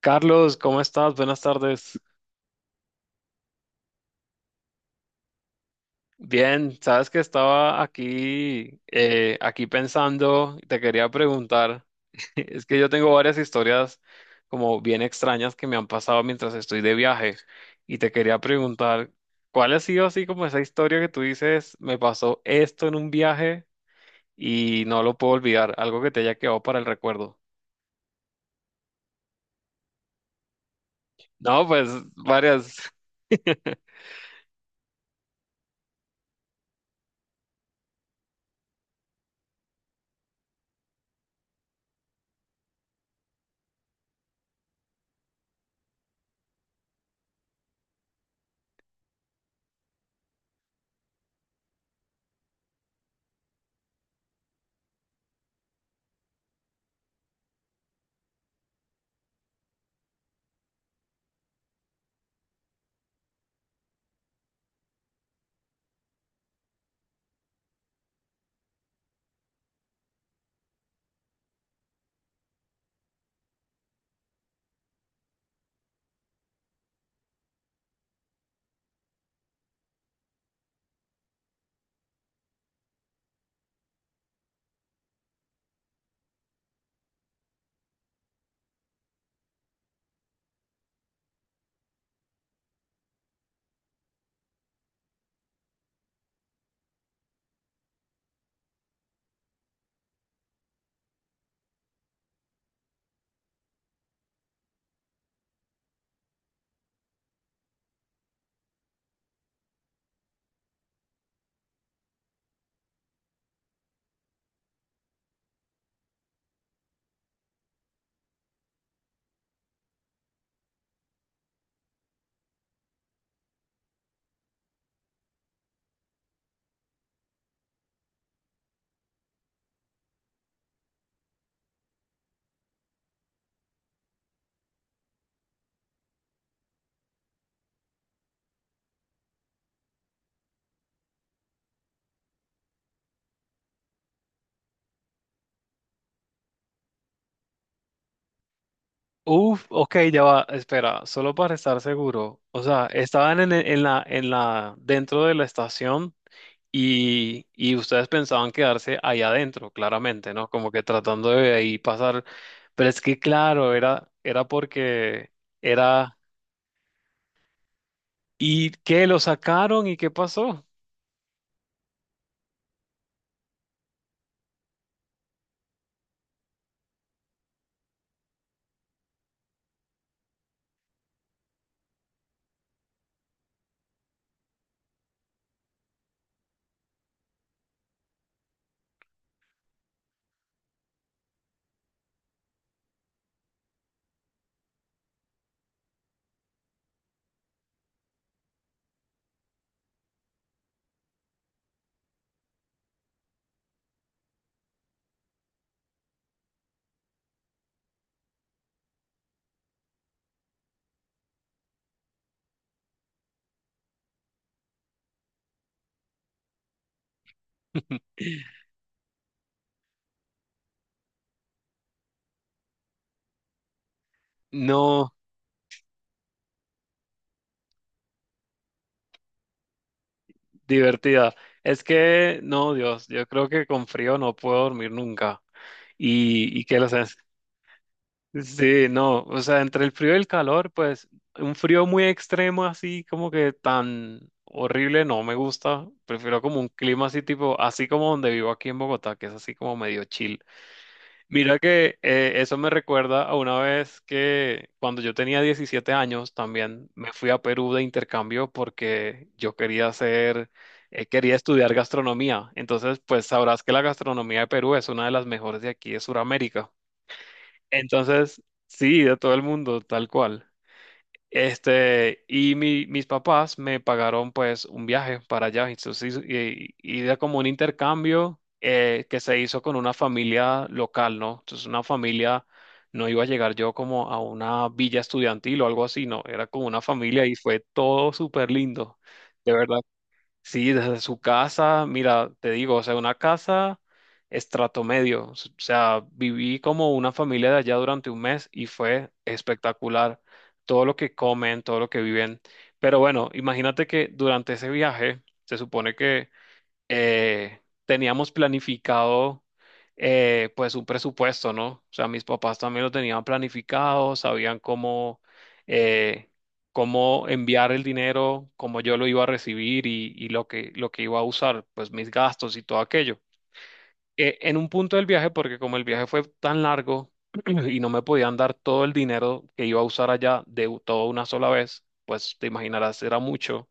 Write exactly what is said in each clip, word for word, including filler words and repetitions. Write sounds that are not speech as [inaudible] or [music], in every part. Carlos, ¿cómo estás? Buenas tardes. Bien, sabes que estaba aquí, eh, aquí pensando, y te quería preguntar, [laughs] es que yo tengo varias historias como bien extrañas que me han pasado mientras estoy de viaje y te quería preguntar, ¿cuál ha sido así como esa historia que tú dices, me pasó esto en un viaje y no lo puedo olvidar, algo que te haya quedado para el recuerdo? No, pues varias. [laughs] Uf, ok, ya va, espera, solo para estar seguro. O sea, estaban en, el- en la, en la, dentro de la estación y, y ustedes pensaban quedarse ahí adentro, claramente, ¿no? Como que tratando de ahí pasar. Pero es que, claro, era, era porque era. ¿Y qué? ¿Lo sacaron? ¿Y qué pasó? [laughs] No, divertida. Es que, no, Dios, yo creo que con frío no puedo dormir nunca. ¿Y, y qué lo sé? Sí, no, o sea, entre el frío y el calor, pues un frío muy extremo así como que tan horrible no me gusta, prefiero como un clima así tipo, así como donde vivo aquí en Bogotá, que es así como medio chill. Mira que eh, eso me recuerda a una vez que cuando yo tenía diecisiete años también me fui a Perú de intercambio porque yo quería hacer, eh, quería estudiar gastronomía, entonces pues sabrás que la gastronomía de Perú es una de las mejores de aquí de Sudamérica. Entonces, sí, de todo el mundo, tal cual. Este, y mi- mis papás me pagaron pues un viaje para allá. Entonces, y, y era como un intercambio eh, que se hizo con una familia local, ¿no? Entonces, una familia, no iba a llegar yo como a una villa estudiantil o algo así, no, era como una familia y fue todo súper lindo. De verdad. Sí, desde su casa, mira, te digo, o sea, una casa estrato medio. O sea, viví como una familia de allá durante un mes y fue espectacular. Todo lo que comen, todo lo que viven. Pero bueno, imagínate que durante ese viaje, se supone que eh, teníamos planificado eh, pues un presupuesto, ¿no? O sea, mis papás también lo tenían planificado, sabían cómo, eh, cómo enviar el dinero, cómo yo lo iba a recibir y, y lo que, lo que iba a usar, pues mis gastos y todo aquello. Eh, en un punto del viaje, porque como el viaje fue tan largo [clears throat] y no me podían dar todo el dinero que iba a usar allá de u- todo una sola vez, pues te imaginarás, era mucho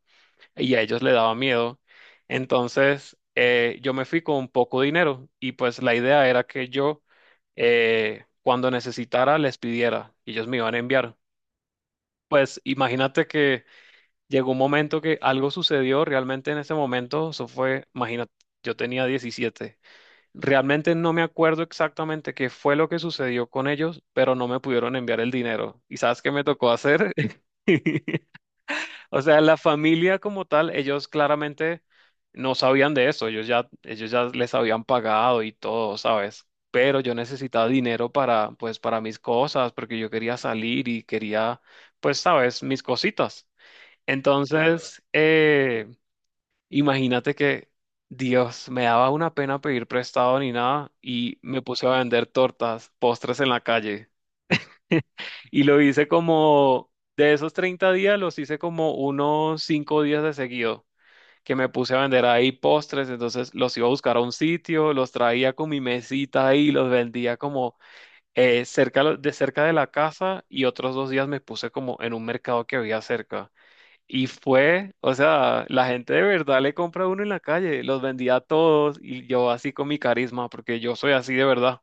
y a ellos le daba miedo. Entonces, eh, yo me fui con poco dinero y pues la idea era que yo, eh, cuando necesitara, les pidiera y ellos me iban a enviar. Pues imagínate que llegó un momento que algo sucedió realmente en ese momento, eso fue, imagínate, yo tenía diecisiete. Realmente no me acuerdo exactamente qué fue lo que sucedió con ellos, pero no me pudieron enviar el dinero. ¿Y sabes qué me tocó hacer? [laughs] O sea, la familia como tal, ellos claramente no sabían de eso, ellos ya, ellos ya les habían pagado y todo, ¿sabes? Pero yo necesitaba dinero para, pues, para mis cosas, porque yo quería salir y quería, pues, ¿sabes? Mis cositas. Claro. Entonces, eh, imagínate que, Dios, me daba una pena pedir prestado ni nada y me puse a vender tortas, postres en la calle. Y lo hice como, de esos treinta días, los hice como unos cinco días de seguido que me puse a vender ahí postres, entonces los iba a buscar a un sitio, los traía con mi mesita ahí, los vendía como eh, cerca lo- de cerca de la casa y otros dos días me puse como en un mercado que había cerca. Y fue, o sea, la gente de verdad le compra a uno en la calle, los vendía a todos y yo así con mi carisma, porque yo soy así de verdad.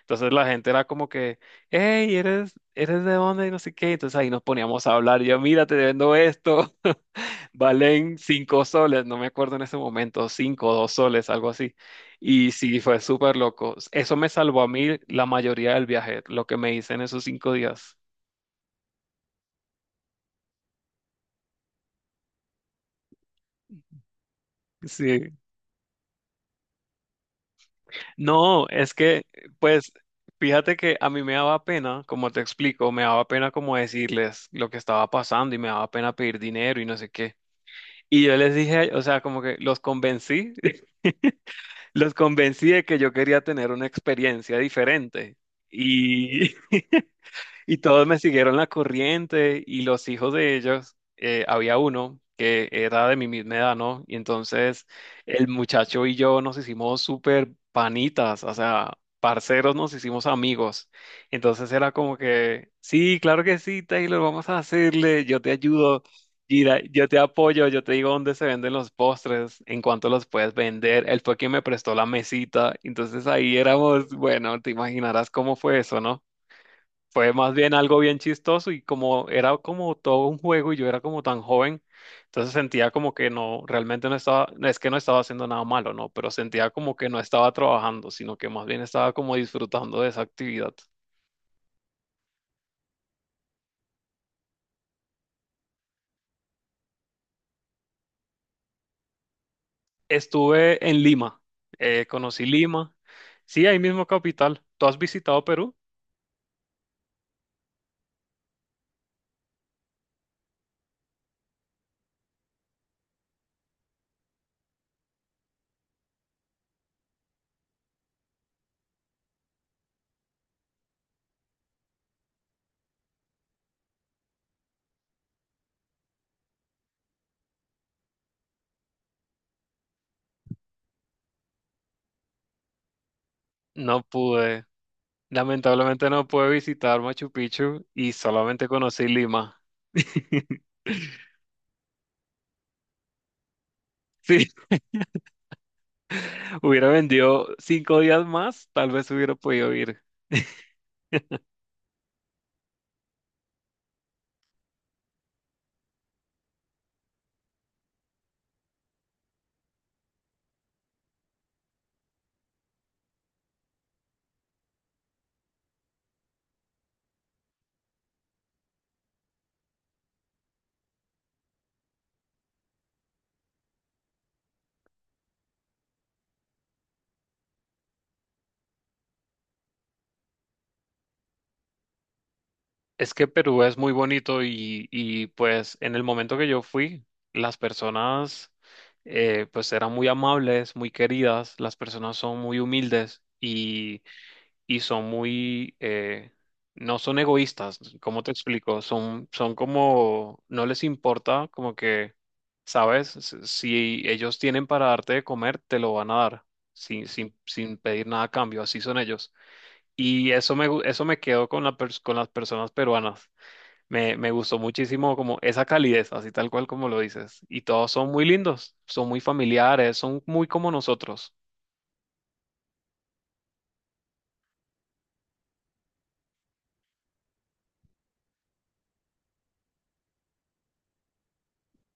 Entonces la gente era como que, hey, ¿eres, eres de dónde? Y no sé qué. Entonces ahí nos poníamos a hablar, yo, mira, te vendo esto. Valen cinco soles, no me acuerdo en ese momento, cinco o dos soles, algo así. Y sí, fue súper loco. Eso me salvó a mí la mayoría del viaje, lo que me hice en esos cinco días. Sí. No, es que, pues, fíjate que a mí me daba pena, como te explico, me daba pena como decirles lo que estaba pasando y me daba pena pedir dinero y no sé qué. Y yo les dije, o sea, como que los convencí, [laughs] los convencí de que yo quería tener una experiencia diferente. Y [laughs] Y todos me siguieron la corriente y los hijos de ellos, eh, había uno que era de mi misma edad, ¿no? Y entonces el muchacho y yo nos hicimos súper panitas, o sea, parceros, nos hicimos amigos. Entonces era como que, sí, claro que sí, Taylor, vamos a hacerle, yo te ayudo, Gira, yo te apoyo, yo te digo dónde se venden los postres, en cuánto los puedes vender. Él fue quien me prestó la mesita, entonces ahí éramos, bueno, te imaginarás cómo fue eso, ¿no? Fue más bien algo bien chistoso y como era como todo un juego y yo era como tan joven, entonces sentía como que no, realmente no estaba, no es que no estaba haciendo nada malo, no, pero sentía como que no estaba trabajando, sino que más bien estaba como disfrutando de esa actividad. Estuve en Lima, eh, conocí Lima, sí, ahí mismo capital. ¿Tú has visitado Perú? No pude, lamentablemente no pude visitar Machu Picchu y solamente conocí Lima. [laughs] Sí. Hubiera vendido cinco días más, tal vez hubiera podido ir. [laughs] Es que Perú es muy bonito y, y, pues en el momento que yo fui, las personas eh, pues eran muy amables, muy queridas, las personas son muy humildes y son muy, eh, no son egoístas, ¿cómo te explico? Son, son como, no les importa, como que, ¿sabes? Si si ellos tienen para darte de comer, te lo van a dar, sin, sin, sin pedir nada a cambio, así son ellos. Y eso me, gu- eso me quedó con la pers- con las personas peruanas. Me, me gustó muchísimo como esa calidez, así tal cual como lo dices. Y todos son muy lindos, son muy familiares, son muy como nosotros.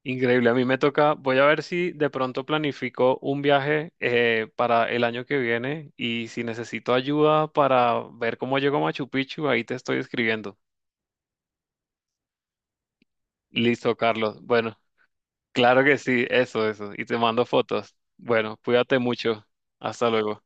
Increíble, a mí me toca, voy a ver si de pronto planifico un viaje eh, para el año que viene y si necesito ayuda para ver cómo llego a Machu Picchu, ahí te estoy escribiendo. Listo, Carlos. Bueno, claro que sí, eso, eso. Y te mando fotos. Bueno, cuídate mucho. Hasta luego.